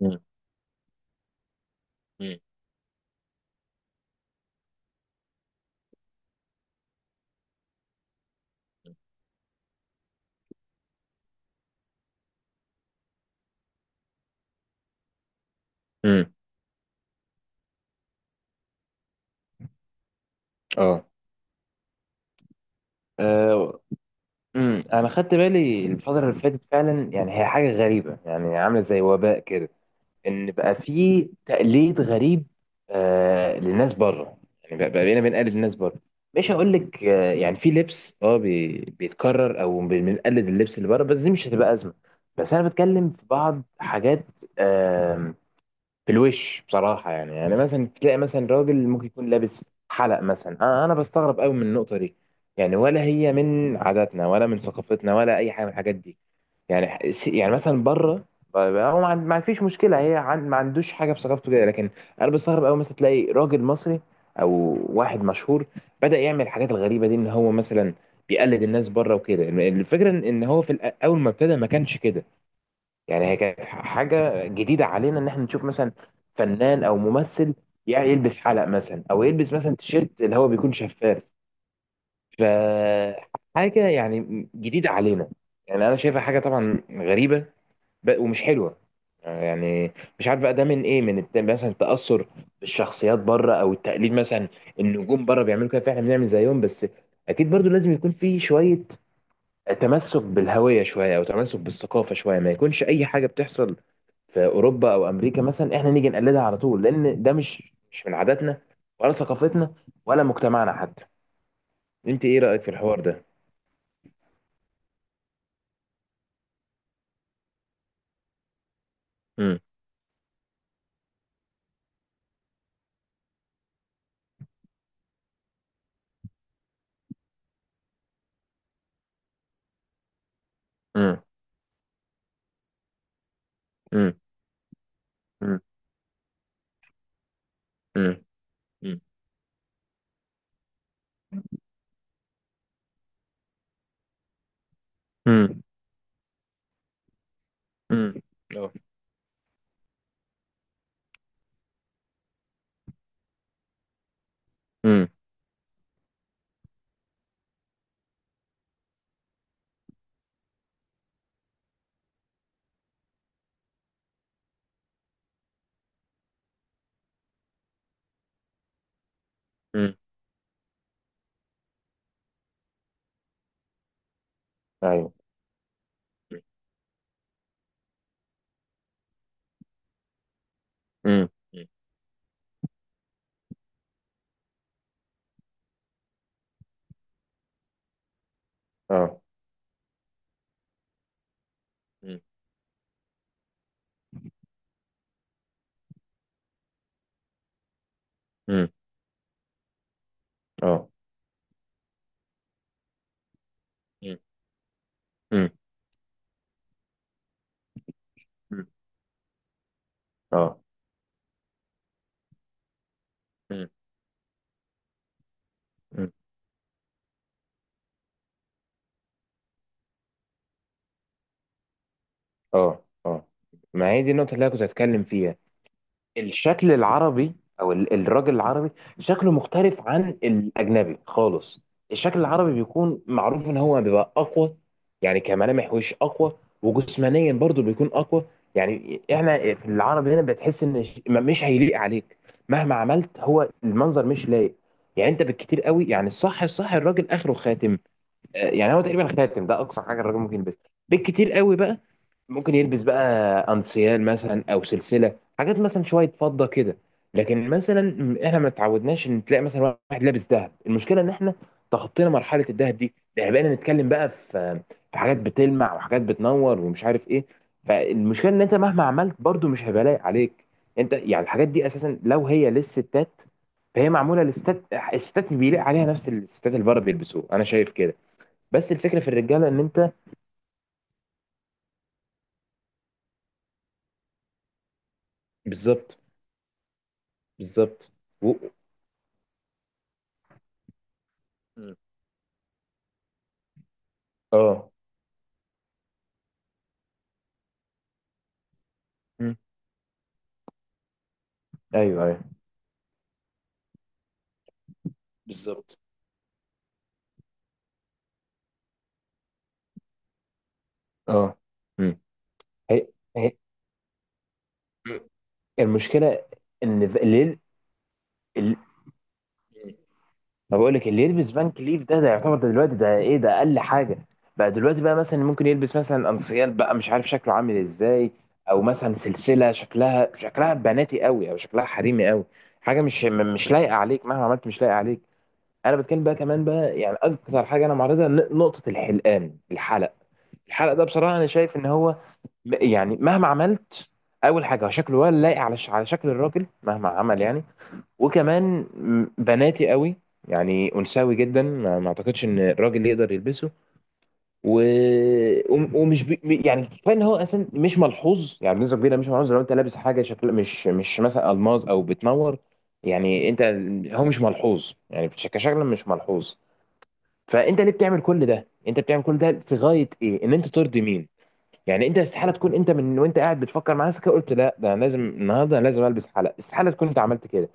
مم. مم. مم. اه. آه، انا خدت بالي الفتره اللي فاتت فعلا، يعني هي حاجه غريبه، يعني عامله زي وباء كده، ان بقى في تقليد غريب للناس بره. يعني بقى بقى بقينا بنقلد الناس بره. مش هقول لك آه، يعني في لبس بيتكرر او بنقلد اللبس اللي بره، بس دي مش هتبقى ازمه. بس انا بتكلم في بعض حاجات في الوش بصراحة، يعني يعني مثلا تلاقي مثلا راجل ممكن يكون لابس حلق مثلا، أنا بستغرب قوي من النقطة دي. يعني ولا هي من عاداتنا ولا من ثقافتنا ولا أي حاجة من الحاجات دي. يعني يعني مثلا بره، هو ما فيش مشكلة، هي ما عندوش حاجة في ثقافته كده، لكن أنا بستغرب قوي مثلا تلاقي راجل مصري أو واحد مشهور بدأ يعمل الحاجات الغريبة دي، إن هو مثلا بيقلد الناس بره وكده. الفكرة إن هو في أول ما ابتدى ما كانش كده. يعني هي كانت حاجة جديدة علينا، إن إحنا نشوف مثلا فنان أو ممثل يعني يلبس حلق مثلا، أو يلبس مثلا تيشيرت اللي هو بيكون شفاف. فحاجة يعني جديدة علينا، يعني أنا شايفها حاجة طبعا غريبة ومش حلوة يعني. مش عارف بقى ده من إيه، من مثلا التأثر بالشخصيات بره أو التقليد مثلا، النجوم بره بيعملوا كده فإحنا بنعمل زيهم بس. أكيد برضو لازم يكون في شوية تمسك بالهوية شوية، أو تمسك بالثقافة شوية، ما يكونش أي حاجة بتحصل في اوروبا او امريكا مثلا احنا نيجي نقلدها على طول، لان ده مش من عاداتنا ولا ثقافتنا ولا مجتمعنا حتى. انت ايه رايك في الحوار ده؟ امم. امم. امم. امم. امم. امم. امم. اه. امم. امم. ايوه. امم. اه. امم. اه. امم. اه. امم. اه. اه. ما هي دي النقطه اللي انا كنت هتكلم فيها. الشكل العربي او الراجل العربي شكله مختلف عن الاجنبي خالص. الشكل العربي بيكون معروف ان هو بيبقى اقوى، يعني كملامح وش اقوى، وجسمانيا برضو بيكون اقوى. يعني احنا في العرب هنا بتحس ان مش هيليق عليك مهما عملت، هو المنظر مش لايق. يعني انت بالكتير قوي، يعني الصح الراجل اخره خاتم. آه، يعني هو تقريبا خاتم ده اقصى حاجه الراجل ممكن يلبسها، بالكتير قوي بقى. ممكن يلبس بقى انسيال مثلا او سلسله، حاجات مثلا شويه فضه كده. لكن مثلا احنا ما اتعودناش ان تلاقي مثلا واحد لابس ذهب. المشكله ان احنا تخطينا مرحله الذهب دي، ده احنا بقينا نتكلم بقى في حاجات بتلمع وحاجات بتنور ومش عارف ايه. فالمشكله ان انت مهما عملت برضو مش هيبقى لايق عليك. انت يعني الحاجات دي اساسا لو هي للستات فهي معموله للستات. الستات بيليق عليها نفس الستات اللي بره بيلبسوه، انا شايف كده. بس الفكره في الرجاله ان انت. بالظبط. بالظبط. و- اه. مم. ايوه. ايوه. بالظبط. اه. مم. هي. هي. مم. المشكله ان ال- ما بقول لك، اللي يلبس فان كليف ده، ده يعتبر ده دلوقتي ده ايه، ده اقل حاجه بقى دلوقتي بقى. مثلا ممكن يلبس مثلا انسيال بقى، مش عارف شكله عامل ازاي، او مثلا سلسله شكلها بناتي قوي او شكلها حريمي قوي. حاجه مش لايقه عليك مهما عملت، مش لايقه عليك. انا بتكلم بقى كمان بقى يعني اكتر حاجه انا معرضها، نقطه الحلقان، الحلق. الحلق ده بصراحه انا شايف ان هو يعني مهما عملت. اول حاجه شكله ولا لايق على شكل الراجل مهما عمل يعني. وكمان بناتي قوي، يعني انثوي جدا، ما اعتقدش ان الراجل يقدر يلبسه. و... وم- ومش بي... م- يعني كفايه ان هو اصلا مش ملحوظ، يعني بنسبه كبيره مش ملحوظ لو انت لابس حاجه شكل مش مثلا الماظ او بتنور. يعني انت، هو مش ملحوظ يعني كشكل مش ملحوظ. فانت ليه بتعمل كل ده؟ انت بتعمل كل ده في غايه ايه؟ ان انت ترضي مين؟ يعني انت استحاله تكون انت من وانت قاعد بتفكر مع نفسك كده، قلت لا ده انا لازم النهارده انا لازم البس حلق. استحاله تكون انت عملت كده.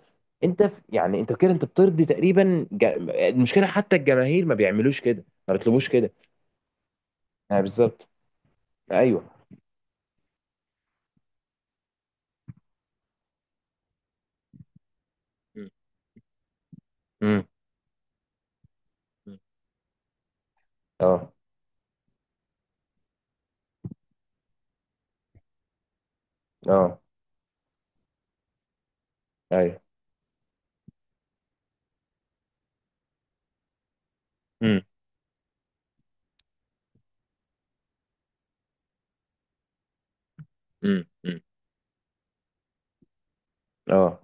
انت في يعني انت كده انت بترضي تقريبا المشكله حتى الجماهير ما بيعملوش كده، ما بيطلبوش كده. اه بالظبط. ايوه. مم. امم. مم. اه. اه. ايوه. مم. مم. مم. اه.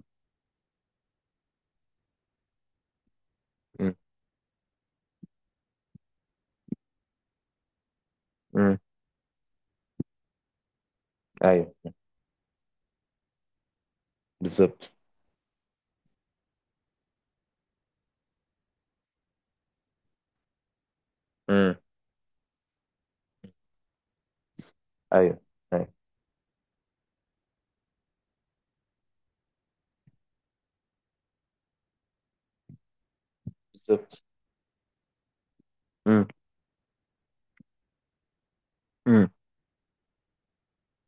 امم. ايوه. بالظبط. امم. ايوه. ايوه. بالظبط. امم.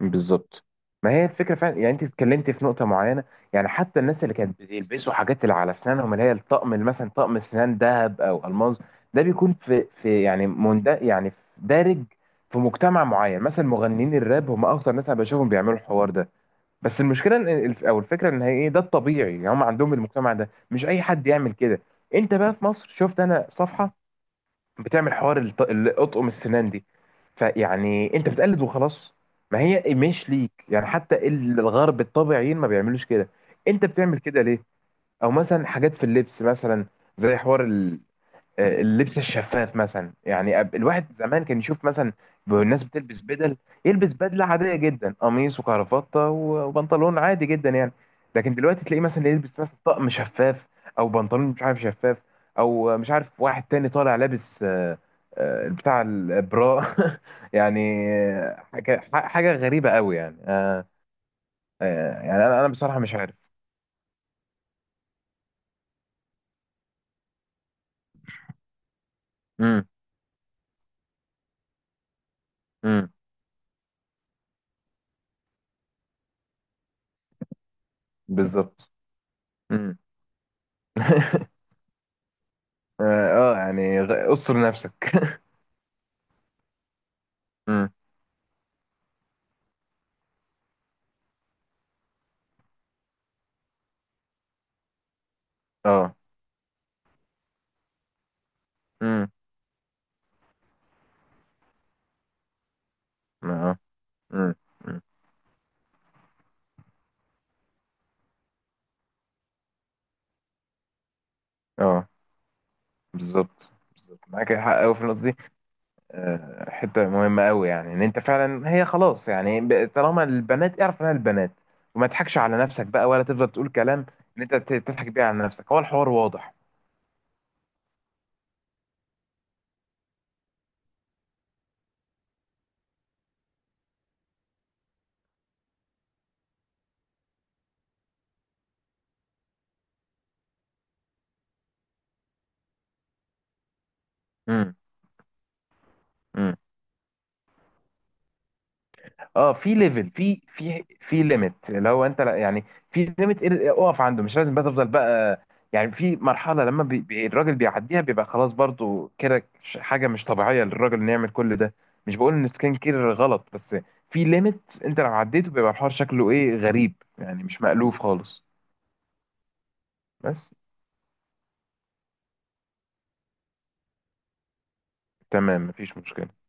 بالظبط. ما هي الفكره فعلا، يعني انت اتكلمتي في نقطه معينه. يعني حتى الناس اللي كانت بيلبسوا حاجات اللي على اسنانهم، اللي هي الطقم، اللي مثلا طقم اسنان ذهب او الماظ. ده بيكون في يعني مند، يعني في دارج في مجتمع معين. مثلا مغنيين الراب هم اكتر ناس انا بشوفهم بيعملوا الحوار ده. بس المشكله إن او الفكره ان هي ايه، ده الطبيعي. يعني هم عندهم المجتمع ده، مش اي حد يعمل كده. انت بقى في مصر شفت انا صفحه بتعمل حوار الاطقم السنان دي، فيعني انت بتقلد وخلاص، ما هي مش ليك. يعني حتى الغرب الطبيعيين ما بيعملوش كده، انت بتعمل كده ليه؟ او مثلا حاجات في اللبس مثلا، زي حوار آه، اللبس الشفاف مثلا يعني. الواحد زمان كان يشوف مثلا الناس بتلبس بدل، يلبس بدلة عادية جدا قميص وكرافتة وبنطلون عادي جدا يعني. لكن دلوقتي تلاقيه مثلا يلبس مثلا طقم شفاف، او بنطلون مش عارف شفاف، او مش عارف واحد تاني طالع لابس آه، آه، بتاع البراء. يعني آه، حاجة غريبة قوي يعني آه، آه، يعني انا بصراحة مش عارف. امم. امم. بالظبط. امم. اه. آه، يعني استر نفسك. امم. اه. امم. اه. امم. اه. بالظبط. بالظبط معاك حق قوي في النقطه دي. آه، حته مهمه قوي، يعني ان انت فعلا. هي خلاص يعني طالما البنات اعرف انها البنات، وما تضحكش على نفسك بقى، ولا تفضل تقول كلام ان انت تضحك بيه على نفسك، هو الحوار واضح. امم. اه. في ليفل، في ليميت لو انت لا يعني. في ليميت اقف عنده، مش لازم بقى تفضل بقى. يعني في مرحله لما الراجل بيعديها بيبقى خلاص برضو كده، حاجه مش طبيعيه للراجل انه يعمل كل ده. مش بقول ان سكين كير غلط، بس في ليميت انت لو عديته بيبقى الحوار شكله ايه، غريب يعني، مش مألوف خالص. بس. تمام، مفيش مشكله.